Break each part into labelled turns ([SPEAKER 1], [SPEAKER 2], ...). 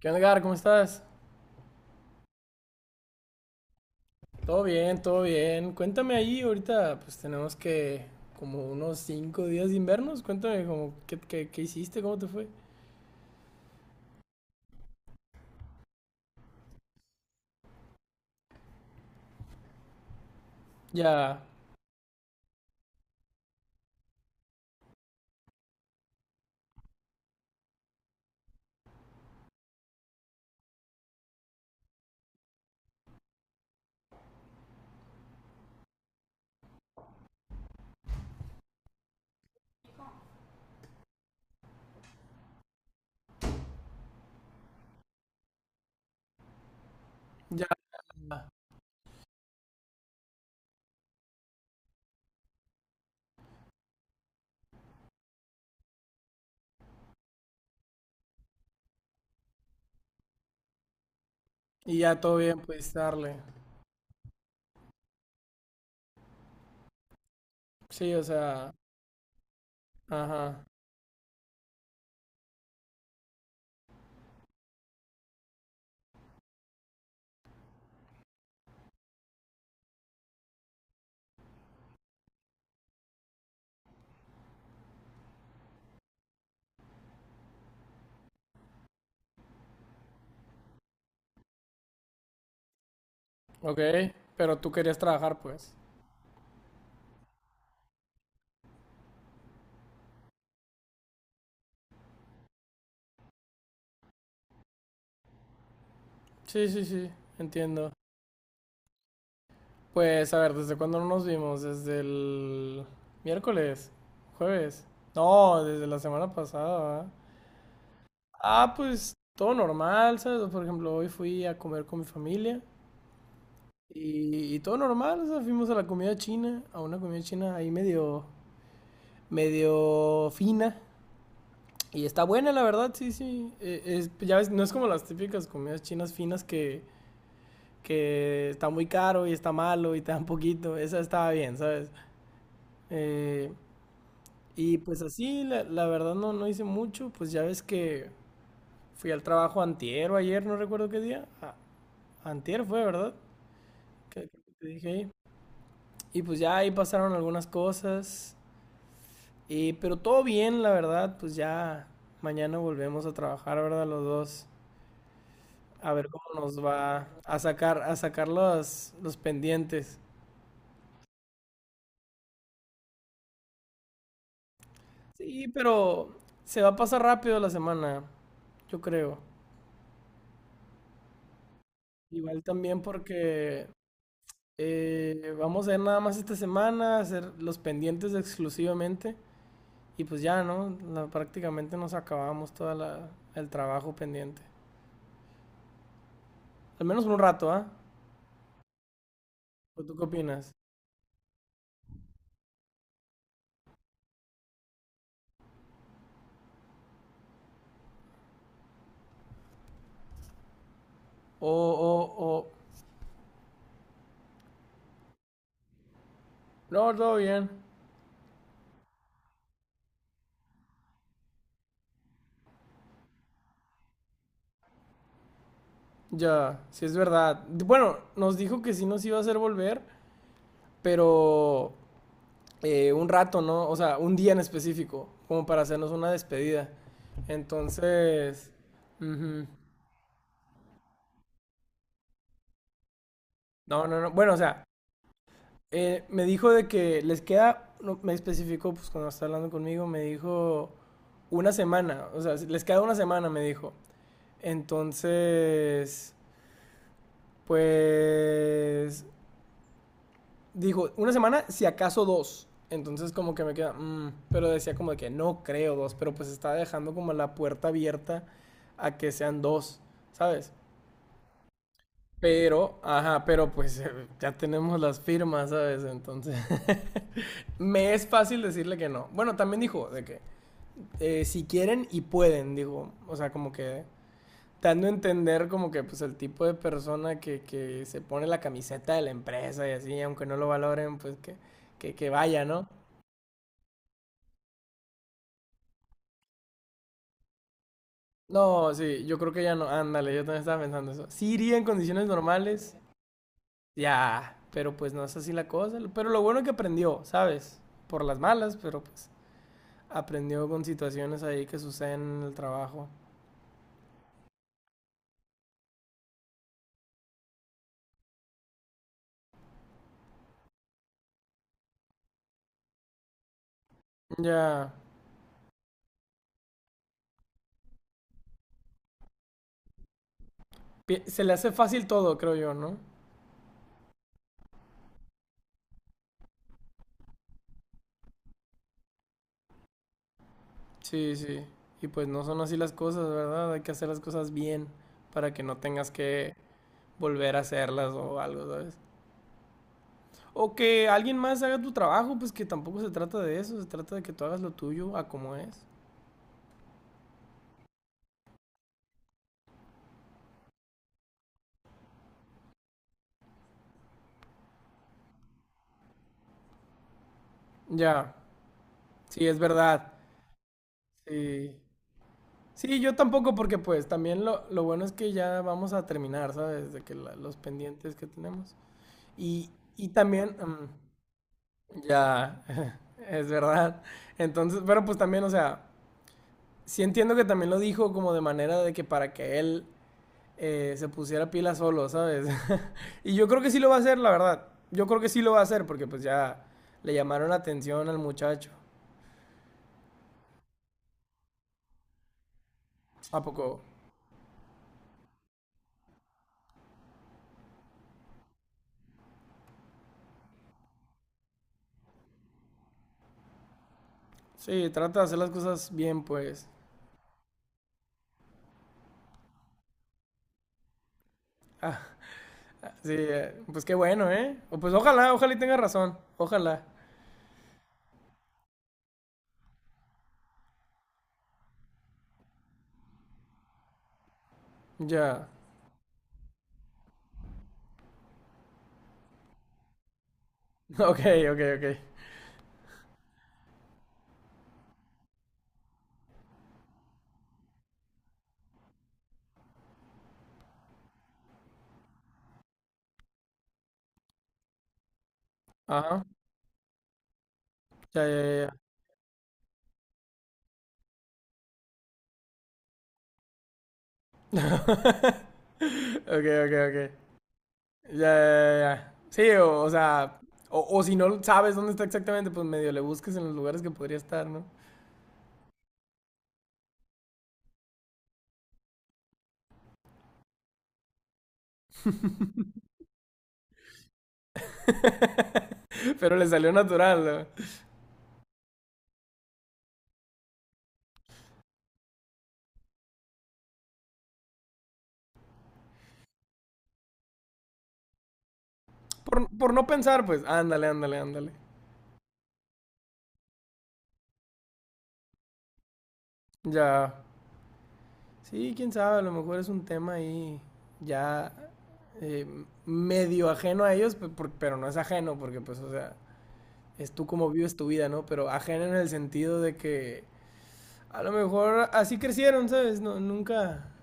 [SPEAKER 1] ¿Qué onda, Gar? ¿Cómo estás? Todo bien, todo bien. Cuéntame ahí, ahorita pues tenemos que como unos 5 días sin vernos. Cuéntame como qué hiciste, cómo te fue. Ya, ya. Y ya todo bien, pues darle. Sí, o sea, ajá. Ok, pero tú querías trabajar, pues. Sí, entiendo. Pues a ver, ¿desde cuándo no nos vimos? ¿Desde el miércoles? ¿Jueves? No, desde la semana pasada, ¿verdad? Ah, pues todo normal, ¿sabes? Por ejemplo, hoy fui a comer con mi familia y todo normal, o sea, fuimos a la comida china, a una comida china ahí medio, medio fina. Y está buena, la verdad, sí, sí. Pues, ya ves, no es como las típicas comidas chinas finas que está muy caro y está malo y te dan poquito. Esa estaba bien, ¿sabes? Eh, y pues así, la verdad no hice mucho. Pues ya ves que fui al trabajo antier o ayer, no recuerdo qué día. Antier fue, ¿verdad? Creo que te dije ahí. Y pues ya ahí pasaron algunas cosas. Y, pero todo bien, la verdad. Pues ya mañana volvemos a trabajar, ¿verdad? Los dos. A ver cómo nos va a sacar los pendientes. Sí, pero se va a pasar rápido la semana, yo creo. Igual también porque vamos a ir nada más esta semana, a hacer los pendientes exclusivamente. Y pues ya, ¿no? La- prácticamente nos acabamos todo el trabajo pendiente. Al menos un rato, ¿ah? ¿Eh? ¿O tú qué opinas? O. No, todo bien. Ya, sí es verdad. Bueno, nos dijo que sí nos iba a hacer volver, pero un rato, ¿no? O sea, un día en específico, como para hacernos una despedida. Entonces, ujú. No, no, no. Bueno, o sea, me dijo de que les queda, no, me especificó, pues cuando estaba hablando conmigo, me dijo una semana, o sea, les queda una semana, me dijo. Entonces, pues dijo, una semana, si acaso dos. Entonces como que me queda, pero decía como de que no creo dos, pero pues está dejando como la puerta abierta a que sean dos, ¿sabes? Pero, ajá, pero pues ya tenemos las firmas, ¿sabes? Entonces, me es fácil decirle que no. Bueno, también dijo de que si quieren y pueden, digo o sea, como que dando a entender como que pues el tipo de persona que se pone la camiseta de la empresa y así, aunque no lo valoren, pues que vaya, ¿no? No, sí, yo creo que ya no, ándale, yo también estaba pensando eso. Sí iría en condiciones normales, ya, pero pues no es así la cosa. Pero lo bueno es que aprendió, ¿sabes? Por las malas, pero pues aprendió con situaciones ahí que suceden en el trabajo. Ya, se le hace fácil todo, creo yo, ¿no? Sí, sí. Y pues no son así las cosas, ¿verdad? Hay que hacer las cosas bien para que no tengas que volver a hacerlas o algo, ¿sabes? O que alguien más haga tu trabajo, pues que tampoco se trata de eso, se trata de que tú hagas lo tuyo a como es. Ya, sí, es verdad. Sí. Sí, yo tampoco porque pues también lo bueno es que ya vamos a terminar, ¿sabes? De que la- los pendientes que tenemos. Y, y también, ya, es verdad. Entonces, pero pues también, o sea... Sí entiendo que también lo dijo como de manera de que para que él se pusiera pila solo, ¿sabes? y yo creo que sí lo va a hacer, la verdad. Yo creo que sí lo va a hacer porque pues ya le llamaron la atención al muchacho. ¿A poco? Sí, trata de hacer las cosas bien, pues. Ah, sí, pues qué bueno, ¿eh? O pues ojalá, ojalá y tenga razón. Ojalá. Ya. Ok, ok, ok. Ajá. Ya, ya, ya. ya. Ok, ok, ok. Ya, ya, ya. Sí, o sea, o si no sabes dónde está exactamente, pues medio le busques en los lugares que podría estar, ¿no? Pero le salió natural, ¿no? Por no pensar, pues, ándale, ándale, ándale. Ya. Sí, quién sabe, a lo mejor es un tema ahí ya eh, medio ajeno a ellos, pero no es ajeno, porque pues, o sea, es tú como vives tu vida, ¿no? Pero ajeno en el sentido de que a lo mejor así crecieron, ¿sabes? No, nunca,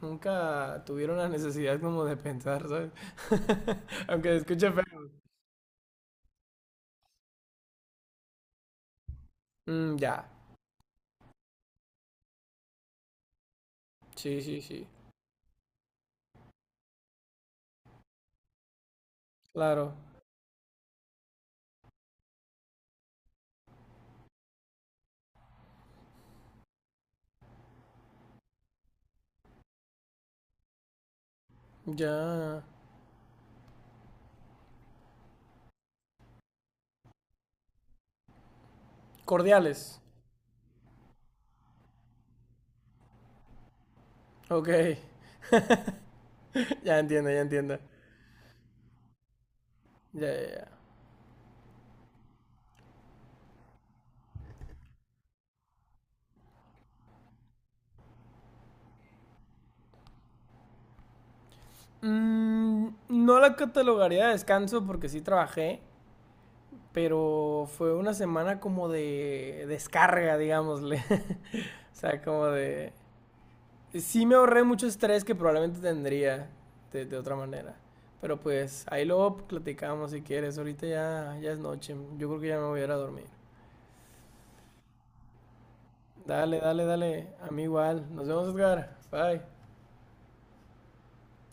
[SPEAKER 1] nunca tuvieron la necesidad como de pensar, ¿sabes? Aunque se escuche feo. Mm, ya. Sí, sí, sí. Claro. Ya. Cordiales. Ok. Ya entiendo, ya entiendo. Ya, ya, ya. Mm, no la catalogaría de descanso porque sí trabajé, pero fue una semana como de descarga, digámosle. O sea, como de sí me ahorré mucho estrés que probablemente tendría de otra manera. Pero pues ahí luego platicamos si quieres. Ahorita ya, ya es noche. Yo creo que ya me voy a ir a dormir. Dale, dale, dale. A mí igual. Nos vemos, Edgar. Bye.